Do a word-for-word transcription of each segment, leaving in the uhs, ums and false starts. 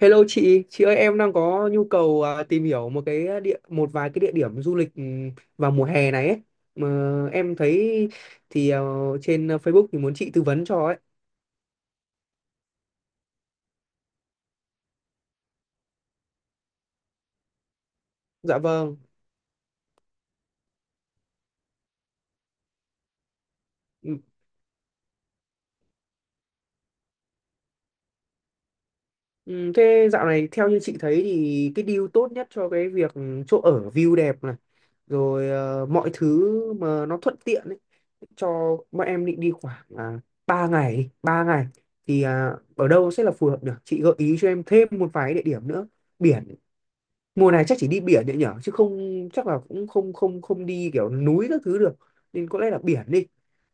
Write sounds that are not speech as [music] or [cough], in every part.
Hello chị, chị ơi em đang có nhu cầu à, tìm hiểu một cái địa một vài cái địa điểm du lịch ừ, vào mùa hè này ấy. Mà em thấy thì ờ, trên Facebook thì muốn chị tư vấn cho ấy. Dạ vâng. Ừ, ừ, Thế dạo này theo như chị thấy thì cái deal tốt nhất cho cái việc chỗ ở view đẹp này, rồi ờ, mọi thứ mà nó thuận tiện ấy cho bọn em định đi khoảng à, ba ngày, ba ngày thì à, ở đâu sẽ là phù hợp được? Chị gợi ý cho em thêm một vài địa điểm nữa. Biển mùa này chắc chỉ đi biển đấy nhở, chứ không chắc là cũng không không không đi kiểu núi các thứ được, nên có lẽ là biển đi,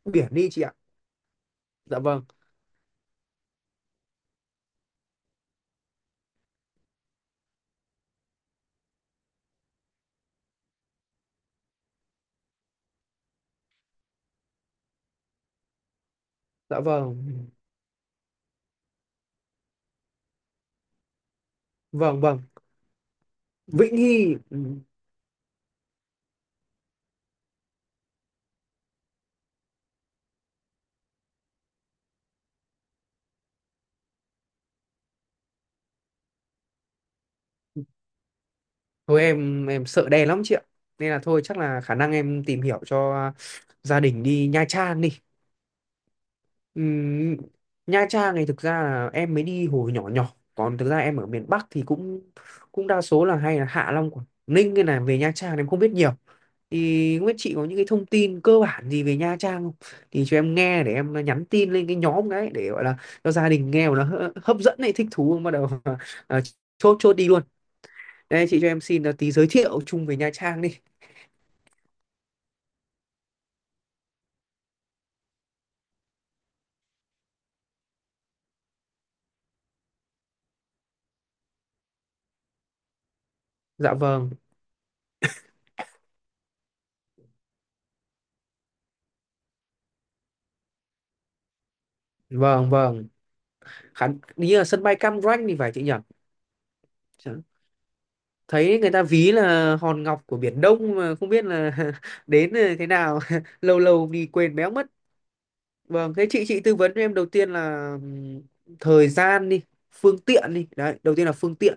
biển đi chị ạ. Dạ vâng. Dạ vâng. Vâng, vâng, Vĩnh Hy ừ, thôi em em sợ đen lắm chị ạ, nên là thôi chắc là khả năng em tìm hiểu cho gia đình đi Nha Trang đi. Ừm, Nha Trang này thực ra là em mới đi hồi nhỏ nhỏ, còn thực ra em ở miền Bắc thì cũng cũng đa số là hay là Hạ Long, Quảng Ninh, nên là về Nha Trang em không biết nhiều, thì không biết chị có những cái thông tin cơ bản gì về Nha Trang không thì cho em nghe để em nhắn tin lên cái nhóm đấy, để gọi là cho gia đình nghe mà nó hớ- hấp dẫn này, thích thú bắt đầu [laughs] à, chốt chốt đi luôn. Đây chị cho em xin là tí giới thiệu chung về Nha Trang đi. Dạ vâng. Vâng vâng. Khán đi là sân bay Cam Ranh thì phải chị nhỉ. Dạ. Thấy người ta ví là hòn ngọc của Biển Đông mà không biết là [laughs] đến ờ, thế nào [laughs] lâu lâu đi quên béo mất. Vâng, thế chị chị tư vấn cho em đầu tiên là ừm, thời gian đi, phương tiện đi đấy, đầu tiên là phương tiện.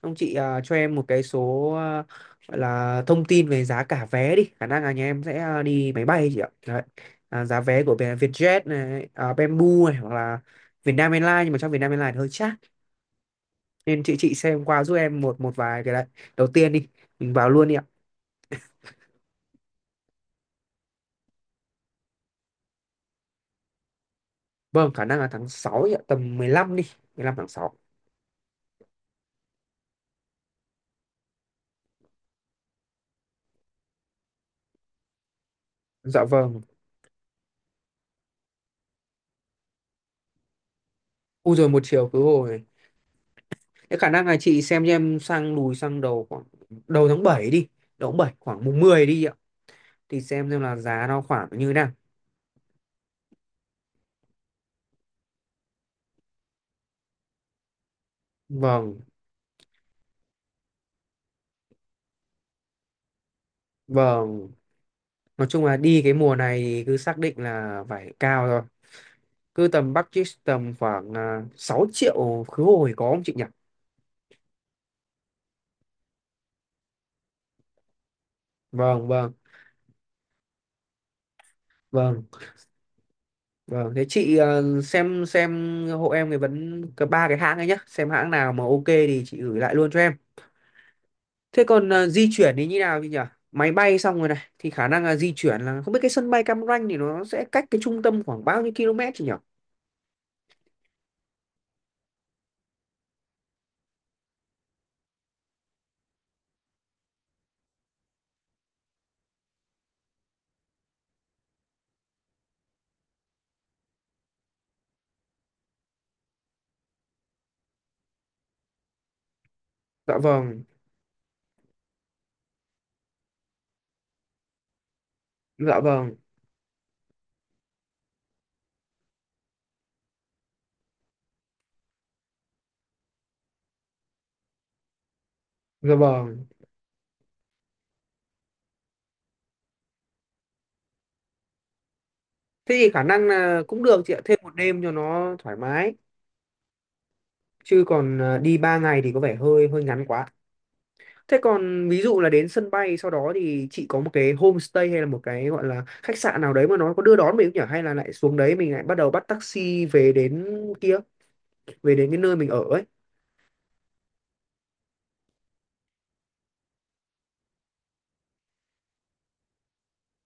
Ông chị à, cho em một cái số à, gọi là thông tin về giá cả vé đi, khả năng là nhà em sẽ à, đi máy bay chị ạ. Đấy, à, giá vé của Việt- Vietjet này à, Bamboo này, hoặc là Vietnam Airlines, nhưng mà trong Vietnam Airlines thì hơi chát, nên chị chị xem qua giúp em một một vài cái đấy. Đầu tiên đi, mình vào luôn đi ạ. Vâng, khả năng là tháng sáu ạ, tầm mười lăm đi, mười lăm tháng sáu. Dạ vâng. U rồi một chiều khứ hồi. Thế khả năng là chị xem cho em sang, lùi sang đầu khoảng đầu tháng bảy đi, đầu tháng bảy khoảng mùng mười đi ạ. Thì xem xem là giá nó khoảng như thế nào. Vâng, vâng. Nói chung là đi cái mùa này thì cứ xác định là phải cao rồi. Cứ tầm budget tầm khoảng à, sáu triệu khứ hồi có không chị nhỉ? Vâng, vâng, vâng. Vâng, thế chị ờ, xem xem hộ em cái vấn cái ba cái hãng ấy nhá, xem hãng nào mà ok thì chị gửi lại luôn cho em. Thế còn ờ, di chuyển thì như nào thì nhỉ? Máy bay xong rồi này thì khả năng là di chuyển là không biết cái sân bay Cam Ranh thì nó sẽ cách cái trung tâm khoảng bao nhiêu km chị nhỉ? Dạ vâng, dạ vâng, dạ vâng. Thế thì khả năng là cũng được chị ạ, thêm một đêm cho nó thoải mái. Chứ còn ờ, đi ba ngày thì có vẻ hơi hơi ngắn quá. Thế còn ví dụ là đến sân bay sau đó thì chị có một cái homestay hay là một cái gọi là khách sạn nào đấy mà nó có đưa đón mình không nhỉ? Hay là lại xuống đấy mình lại bắt đầu bắt taxi về đến kia, về đến cái nơi mình ở ấy.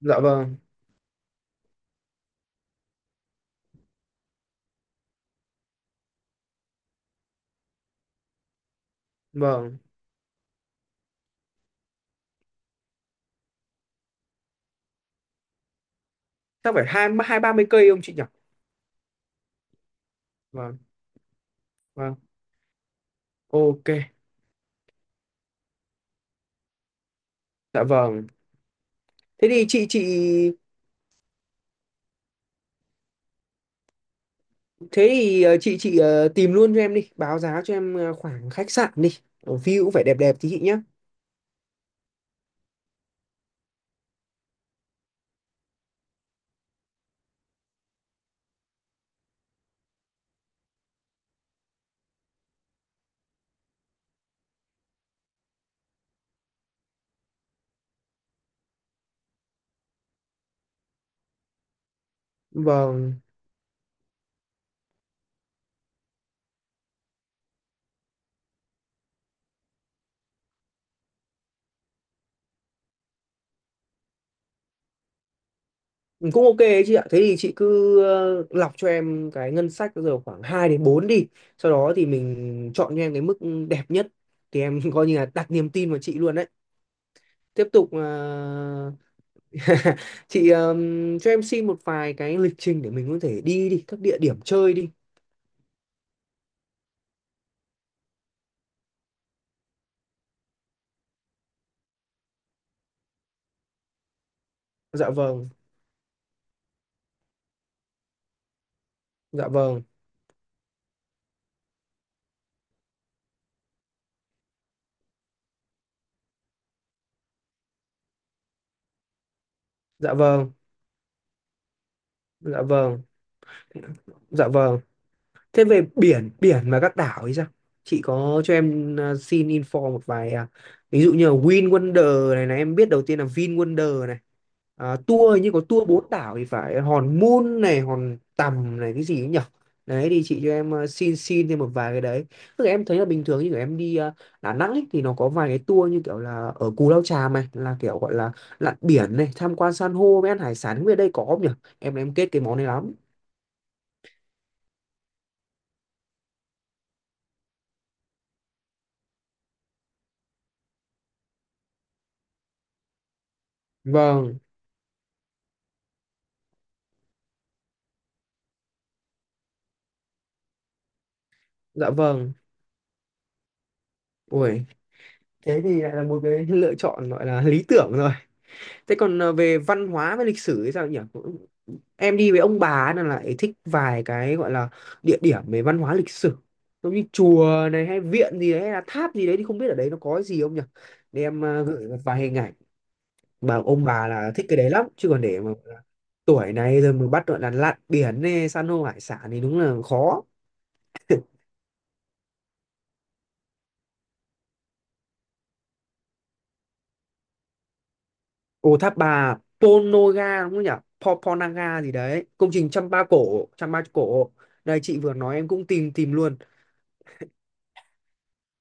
Dạ vâng, vâng. Chắc phải hai hai ba mươi cây không chị nhỉ? Vâng, vâng. Ok, dạ vâng. Thế thì chị chị Thế thì ờ, chị chị ờ, tìm luôn cho em đi, báo giá cho em ờ, khoảng khách sạn đi. Ở view cũng phải đẹp đẹp tí chị nhé. Vâng. Ừ, cũng ok ấy chị ạ, thế thì chị cứ ờ, lọc cho em cái ngân sách bây giờ khoảng hai đến bốn đi, sau đó thì mình chọn cho em cái mức đẹp nhất, thì em [laughs] coi như là đặt niềm tin vào chị luôn đấy. Tiếp tục ờ, [laughs] chị ờm, cho em xin một vài cái lịch trình để mình có thể đi đi các địa điểm chơi đi. Dạ vâng. Dạ vâng. Dạ vâng. Dạ vâng. Dạ vâng. Thế về biển, biển và các đảo ấy sao? Chị có cho em à, xin info một vài à, ví dụ như là Win Wonder này, này em biết đầu tiên là Vin Wonder này. À, tour như có tour bốn đảo thì phải Hòn Mun này, Hòn Tầm này, cái gì ấy nhỉ? Đấy thì chị cho em à, xin xin thêm một vài cái đấy. Tức là em thấy là bình thường như kiểu em đi à, Đà Nẵng ấy, thì nó có vài cái tour như kiểu là ở Cù Lao Chàm này, là kiểu gọi là lặn biển này, tham quan san hô với ăn hải sản, không biết ở đây có không nhỉ? Em em kết cái món này lắm. Vâng, dạ vâng. Ui, thế thì lại là một cái lựa chọn gọi là lý tưởng rồi. Thế còn ờ, về văn hóa với lịch sử thì sao nhỉ? Em đi với ông bà ấy là lại thích vài cái gọi là địa điểm về văn hóa lịch sử, giống như chùa này, hay viện gì đấy, hay là tháp gì đấy, thì không biết ở đấy nó có gì không nhỉ, để em ờ, gửi một vài hình ảnh bảo ông bà là thích cái đấy lắm. Chứ còn để mà tuổi này rồi mà bắt gọi là lặn biển này, san hô hải sản thì đúng là khó. Ồ, tháp bà Ponoga đúng không nhỉ? Po- Ponaga gì đấy. Công trình Trăm Ba Cổ, Trăm Ba Cổ. Đây chị vừa nói em cũng tìm tìm luôn.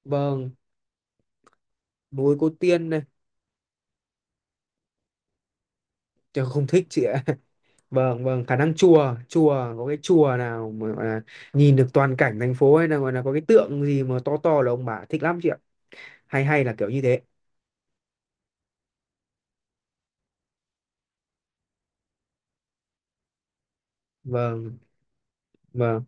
Vâng, núi Cô Tiên này. Trời không thích chị ạ. [laughs] Vâng, vâng, khả năng chùa, chùa có cái chùa nào mà gọi là nhìn được toàn cảnh thành phố, hay là gọi là có cái tượng gì mà to to là ông bà thích lắm chị ạ. Hay hay là kiểu như thế. Vâng, vâng.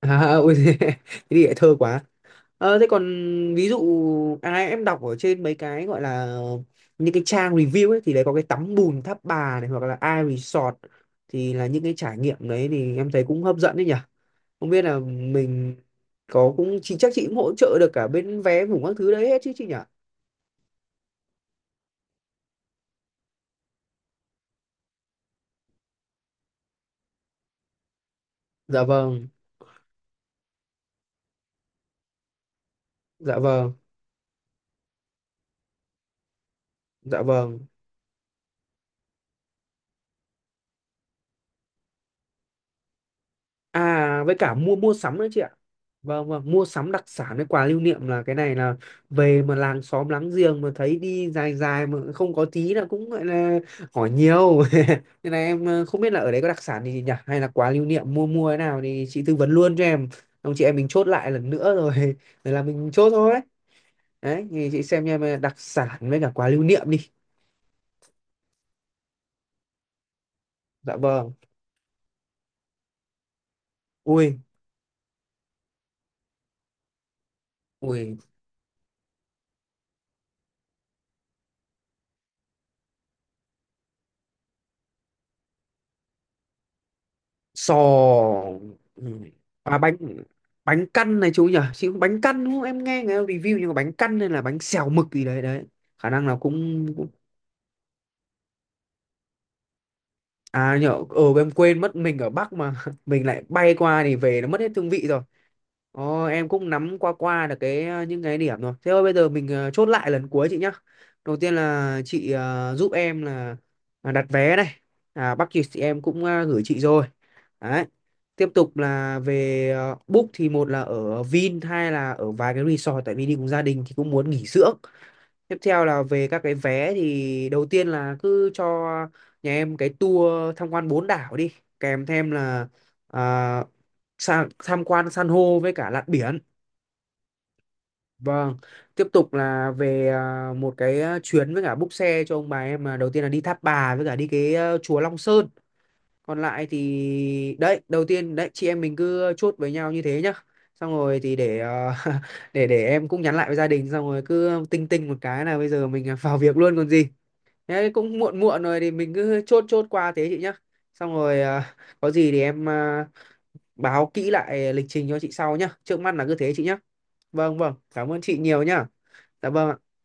À, ôi [laughs] thế thì lại thơ quá. Ờ, thế còn ví dụ à, em đọc ở trên mấy cái gọi là những cái trang review ấy thì đấy có cái tắm bùn Tháp Bà này, hoặc là iResort, thì là những cái trải nghiệm đấy thì em thấy cũng hấp dẫn đấy nhỉ. Không biết là mình có cũng chị chắc chị cũng hỗ trợ được cả bên vé ngủ các thứ đấy hết chứ chị nhỉ? Dạ vâng, dạ vâng, dạ vâng. À với cả mua mua sắm nữa chị ạ. Vâng vâng, mua sắm đặc sản với quà lưu niệm, là cái này là về mà làng xóm láng giềng mà thấy đi dài dài mà không có tí là cũng gọi là hỏi nhiều. [laughs] Nên là em ờ, không biết là ở đấy có đặc sản gì nhỉ, hay là quà lưu niệm mua mua thế nào thì chị tư vấn luôn cho em. Ông chị em mình chốt lại lần nữa rồi [laughs] rồi là mình chốt thôi. Đấy, thì chị xem em ờ, đặc sản với cả quà lưu niệm đi. Dạ vâng. Ui, ui sò ừ. À bánh, bánh căn này chú nhỉ, chị cũng bánh căn đúng không, em nghe người ta review, nhưng mà bánh căn hay là bánh xèo mực gì đấy đấy, khả năng là cũng, cũng... À nhở, ờ, em quên mất mình ở Bắc mà [laughs] mình lại bay qua thì về nó mất hết hương vị rồi. Ồ, em cũng nắm qua qua được cái ờ, những cái điểm rồi. Thế thôi bây giờ mình ờ, chốt lại lần cuối chị nhá. Đầu tiên là chị ờ, giúp em là là đặt vé này. À, Bắc Kiều thì em cũng ờ, gửi chị rồi. Đấy. Tiếp tục là về ờ, book thì một là ở Vin, hai là ở vài cái resort, tại vì đi cùng gia đình thì cũng muốn nghỉ dưỡng. Tiếp theo là về các cái vé thì đầu tiên là cứ cho nhà em cái tour tham quan bốn đảo đi, kèm thêm là à, sa- tham quan san hô với cả lặn biển. Vâng, tiếp tục là về à, một cái à, chuyến với cả búc xe cho ông bà em, là đầu tiên là đi Tháp Bà với cả đi cái à, chùa Long Sơn. Còn lại thì đấy, đầu tiên đấy chị em mình cứ chốt với nhau như thế nhá. Xong rồi thì để à, [laughs] để để em cũng nhắn lại với gia đình, xong rồi cứ tinh tinh một cái là bây giờ mình vào việc luôn còn gì. Thế cũng muộn muộn rồi thì mình cứ chốt chốt qua thế chị nhá. Xong rồi à, có gì thì em à, báo kỹ lại lịch trình cho chị sau nhá. Trước mắt là cứ thế chị nhá. Vâng vâng, cảm ơn chị nhiều nhá. Dạ vâng ạ.